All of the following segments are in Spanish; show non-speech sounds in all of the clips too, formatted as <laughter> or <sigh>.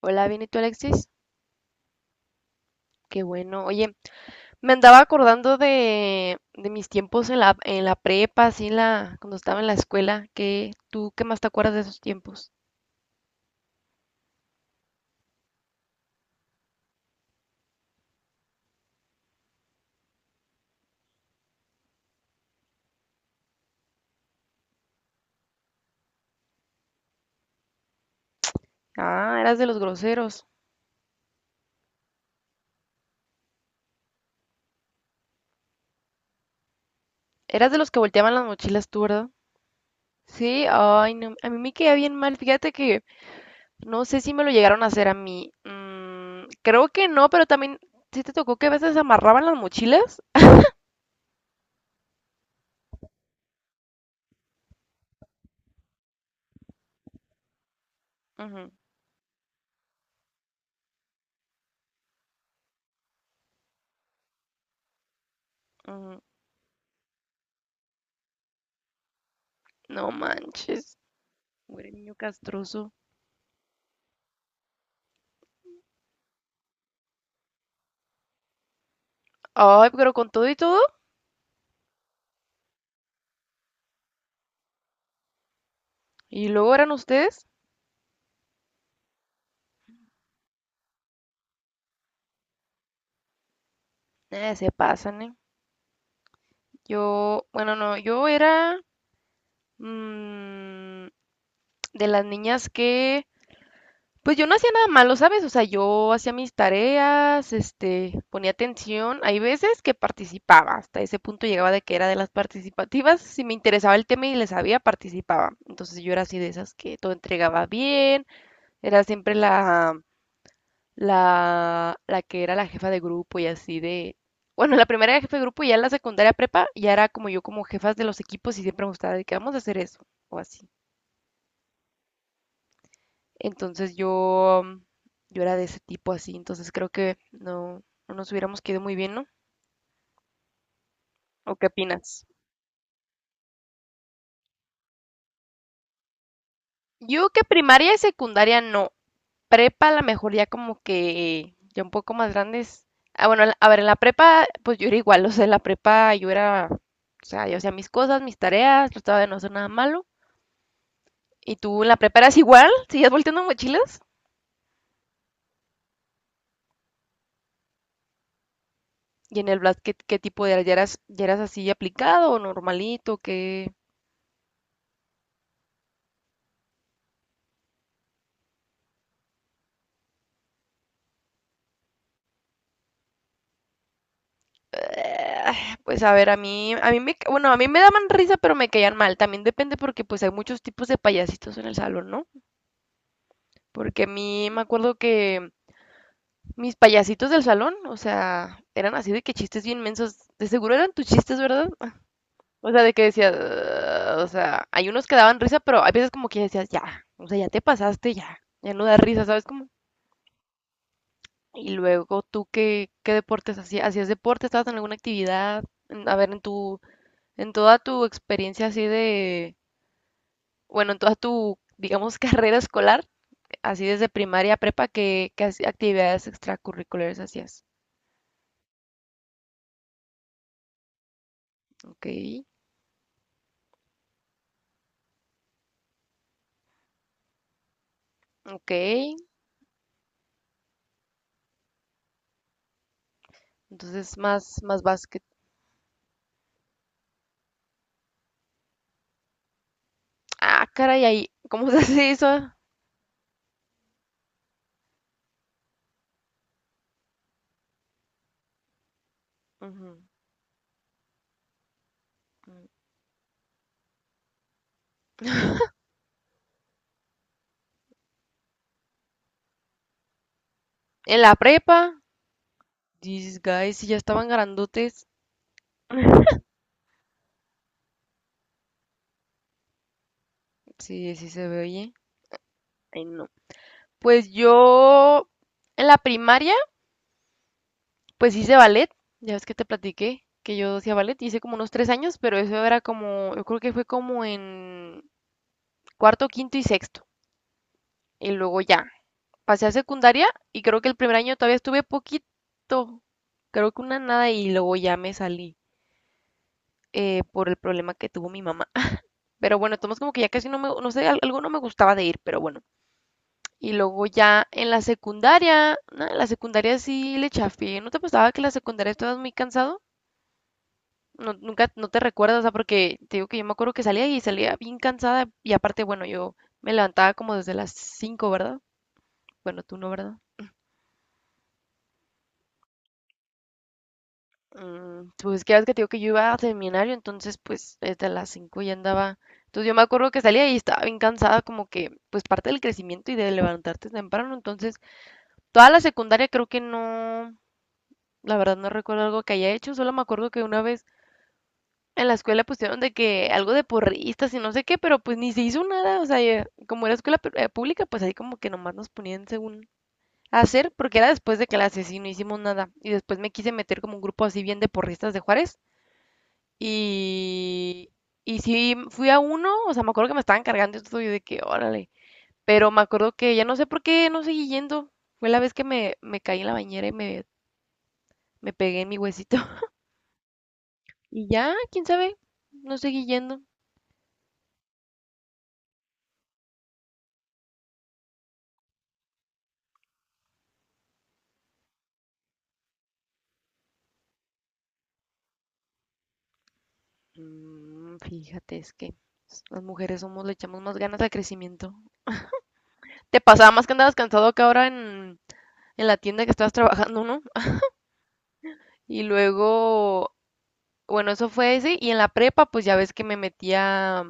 Hola, bien, ¿y tú, Alexis? Qué bueno. Oye, me andaba acordando de mis tiempos en la prepa, así en la, cuando estaba en la escuela. ¿Qué, tú qué más te acuerdas de esos tiempos? Ah, eras de los groseros. Eras de los que volteaban las mochilas tú, ¿verdad? Sí, ay, no, a mí me quedaba bien mal. Fíjate que no sé si me lo llegaron a hacer a mí. Creo que no, pero también sí te tocó que a veces amarraban las mochilas. Ujú, ujú. No manches, güey, niño castroso. Ay, pero con todo y todo. ¿Y luego eran ustedes? Se pasan, ¿eh? Yo, bueno, no, yo era mm, de las niñas que, pues yo no hacía nada malo, ¿sabes? O sea, yo hacía mis tareas, este, ponía atención. Hay veces que participaba, hasta ese punto llegaba de que era de las participativas. Si me interesaba el tema y le sabía, participaba. Entonces yo era así de esas que todo entregaba bien, era siempre la que era la jefa de grupo y así de... Bueno, la primera era jefa de grupo y ya en la secundaria prepa ya era como yo como jefas de los equipos y siempre me gustaba de que vamos a hacer eso o así. Entonces yo era de ese tipo así, entonces creo que no nos hubiéramos quedado muy bien, ¿no? ¿O qué opinas? Yo que primaria y secundaria no, prepa, a lo mejor ya como que ya un poco más grandes. Ah, bueno, a ver, en la prepa, pues yo era igual, o sea, en la prepa yo era, o sea, yo hacía mis cosas, mis tareas, trataba de no hacer nada malo. ¿Y tú en la prepa eras igual? ¿Seguías volteando mochilas? ¿Y en el Blast qué, qué tipo de ya eras así aplicado o normalito? ¿Qué? Pues a ver, a mí me, ca- bueno, a mí me daban risa, pero me caían mal. También depende porque pues hay muchos tipos de payasitos en el salón, ¿no? Porque a mí me acuerdo que mis payasitos del salón, o sea, eran así de que chistes bien mensos. De seguro eran tus chistes, ¿verdad? O sea, de que decías, "Ugh", o sea, hay unos que daban risa, pero hay veces como que decías, ya, o sea, ya te pasaste, ya, ya no da risa, ¿sabes cómo? Y luego tú, ¿qué, qué deportes hacías? ¿Hacías deporte? ¿Estabas en alguna actividad? En- A ver, en tu, en toda tu experiencia así de, bueno, en toda tu, digamos, <laughs> carrera escolar, así desde primaria a prepa, ¿qué, qué hac- actividades extracurriculares hacías? Ok, ok. Entonces, más, más básquet. Ah, caray, ahí, ¿cómo <laughs> se hace eso? Ujú. En la prepa, these guys, si ya estaban grandotes, sí, sí se ve, oye. Ay, no. Pues yo, en la primaria, pues hice ballet. Ya ves que te platiqué que yo hacía ballet. Hice como unos 3 años, pero eso era como, yo creo que fue como en cuarto, quinto y sexto. Y luego ya, pasé a secundaria y creo que el primer año todavía estuve poquito. Creo que una nada y luego ya me salí. Por el problema que tuvo mi mamá. <laughs> Pero bueno, tomamos como que ya casi no me, no sé, algo no me gustaba de ir, pero bueno. Y luego ya en la secundaria, no, en la secundaria sí le chafié. ¿No te pasaba que en la secundaria estabas muy cansado? No, nunca, no te recuerdas, o sea, porque te digo que yo me acuerdo que salía y salía bien cansada y aparte, bueno, yo me levantaba como desde las 5, ¿verdad? Bueno, tú no, ¿verdad? Pues que ya ves que te digo que yo iba a seminario, entonces pues desde las 5 ya andaba. Entonces yo me acuerdo que salía y estaba bien cansada, como que pues parte del crecimiento y de levantarte temprano. Entonces toda la secundaria creo que no, la verdad no recuerdo algo que haya hecho, solo me acuerdo que una vez en la escuela pusieron de que algo de porristas y no sé qué, pero pues ni se hizo nada. O sea, ya- como era escuela pu- pública, pues ahí como que nomás nos ponían según hacer, porque era después de clases y no hicimos nada. Y después me quise meter como un grupo así bien de porristas de Juárez. Y, y sí, fui a uno, o sea, me acuerdo que me estaban cargando y todo, y de que, órale. Pero me acuerdo que ya no sé por qué no seguí yendo. Fue la vez que me caí en la bañera y me pegué en mi huesito. <laughs> Y ya, quién sabe, no seguí yendo. Fíjate, es que las mujeres somos, le echamos más ganas al crecimiento. Te pasaba más que andabas cansado que ahora en la tienda que estabas trabajando, ¿no? Y luego, bueno, eso fue ese. Y en la prepa, pues ya ves que me metía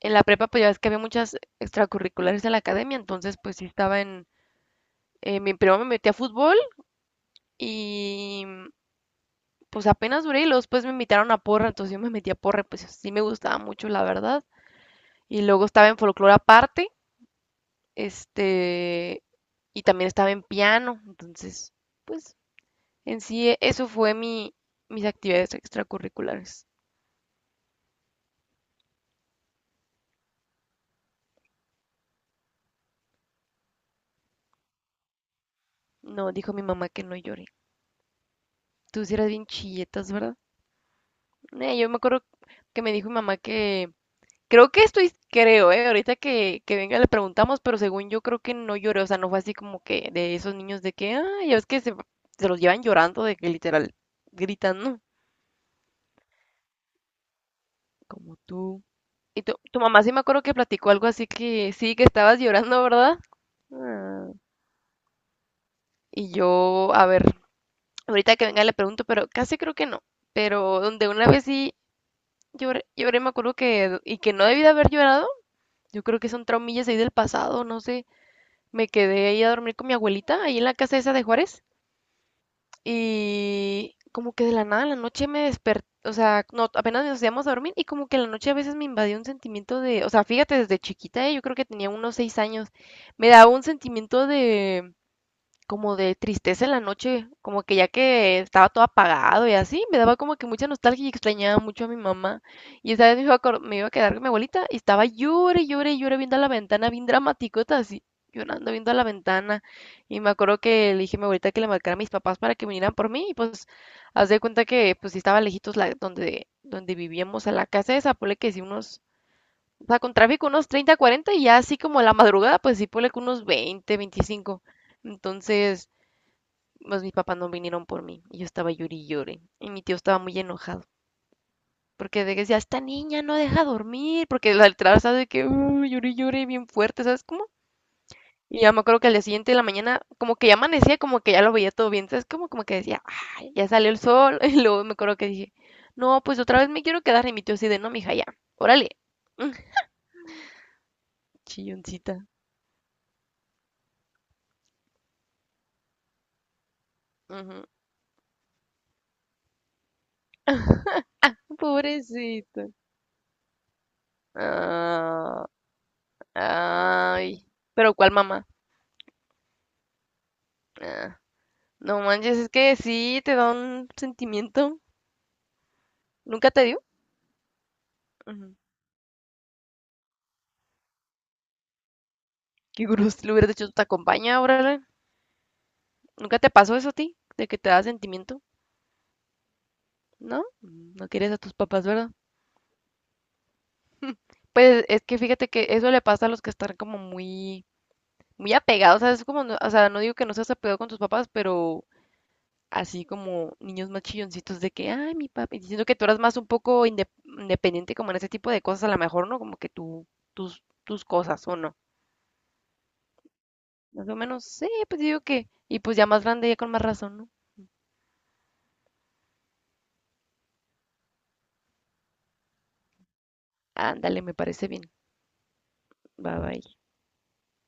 en la prepa, pues ya ves que había muchas extracurriculares en la academia, entonces pues sí estaba en... Mi primo me metí a fútbol y pues apenas duré y luego después me invitaron a porra, entonces yo me metí a porra, pues sí me gustaba mucho, la verdad. Y luego estaba en folclore aparte, este, y también estaba en piano, entonces pues en sí eso fue mi, mis actividades extracurriculares. No, dijo mi mamá que no lloré. Tú sí eras bien chilletas, ¿verdad? Yo me acuerdo que me dijo mi mamá que creo que estoy, creo, ¿eh? Ahorita que venga le preguntamos, pero según yo creo que no lloré, o sea, no fue así como que de esos niños de que, ah, ya ves que se los llevan llorando, de que literal gritan, ¿no? Como tú. Y tu mamá sí me acuerdo que platicó algo así que sí, que estabas llorando, ¿verdad? Ah, y yo, a ver, ahorita que venga le pregunto, pero casi creo que no. Pero donde una vez sí lloré, lloré, me acuerdo que, y que no debí de haber llorado, yo creo que son traumillas ahí del pasado, no sé. Me quedé ahí a dormir con mi abuelita, ahí en la casa esa de Juárez, y como que de la nada en la noche me desperté, o sea, no, apenas nos íbamos a dormir y como que en la noche a veces me invadió un sentimiento de, o sea, fíjate, desde chiquita, yo creo que tenía unos 6 años, me daba un sentimiento de como de tristeza en la noche, como que ya que estaba todo apagado y así, me daba como que mucha nostalgia y extrañaba mucho a mi mamá. Y esa vez me iba a, acor- me iba a quedar con mi abuelita y estaba llore, llore, llore viendo a la ventana, bien dramaticota así, llorando viendo a la ventana. Y me acuerdo que le dije a mi abuelita que le marcara a mis papás para que vinieran por mí y pues haz de cuenta que pues sí estaba lejitos la, donde, donde vivíamos a la casa esa, ponle que sí unos... O sea, con tráfico unos 30, 40 y ya así como la madrugada, pues sí, ponle que unos 20, 25. Entonces, pues mis papás no vinieron por mí y yo estaba llori y llore. Y mi tío estaba muy enojado porque de que decía, esta niña no deja dormir, porque la letra de que llore y llore bien fuerte, ¿sabes cómo? Y ya me acuerdo que al día siguiente de la mañana, como que ya amanecía, como que ya lo veía todo bien, ¿sabes? Como, como que decía, ay, ya salió el sol. <laughs> Y luego me acuerdo que dije, no, pues otra vez me quiero quedar. Y mi tío así de, no, mija, ya, órale, chilloncita. Ujú. Pobrecita. Ah, ay. Pero ¿cuál mamá? Ah. No manches, es que sí te da un sentimiento. ¿Nunca te dio? Ujú. Qué grus, lo hubieras dicho, te acompaña, órale. ¿Nunca te pasó eso a ti? De que te da sentimiento. ¿No? No quieres a tus papás, ¿verdad? Pues es que fíjate que eso le pasa a los que están como muy, muy apegados. O sea, es como, no- o sea, no digo que no seas apegado con tus papás, pero así como niños más chilloncitos de que, ay, mi papi. Diciendo que tú eras más un poco inde- independiente como en ese tipo de cosas, a lo mejor, ¿no? Como que tú, tus, tus cosas, ¿o no? Más o menos, sí, pues digo que. Y pues ya más grande, ya con más razón, ¿no? Ándale, me parece bien. Bye bye.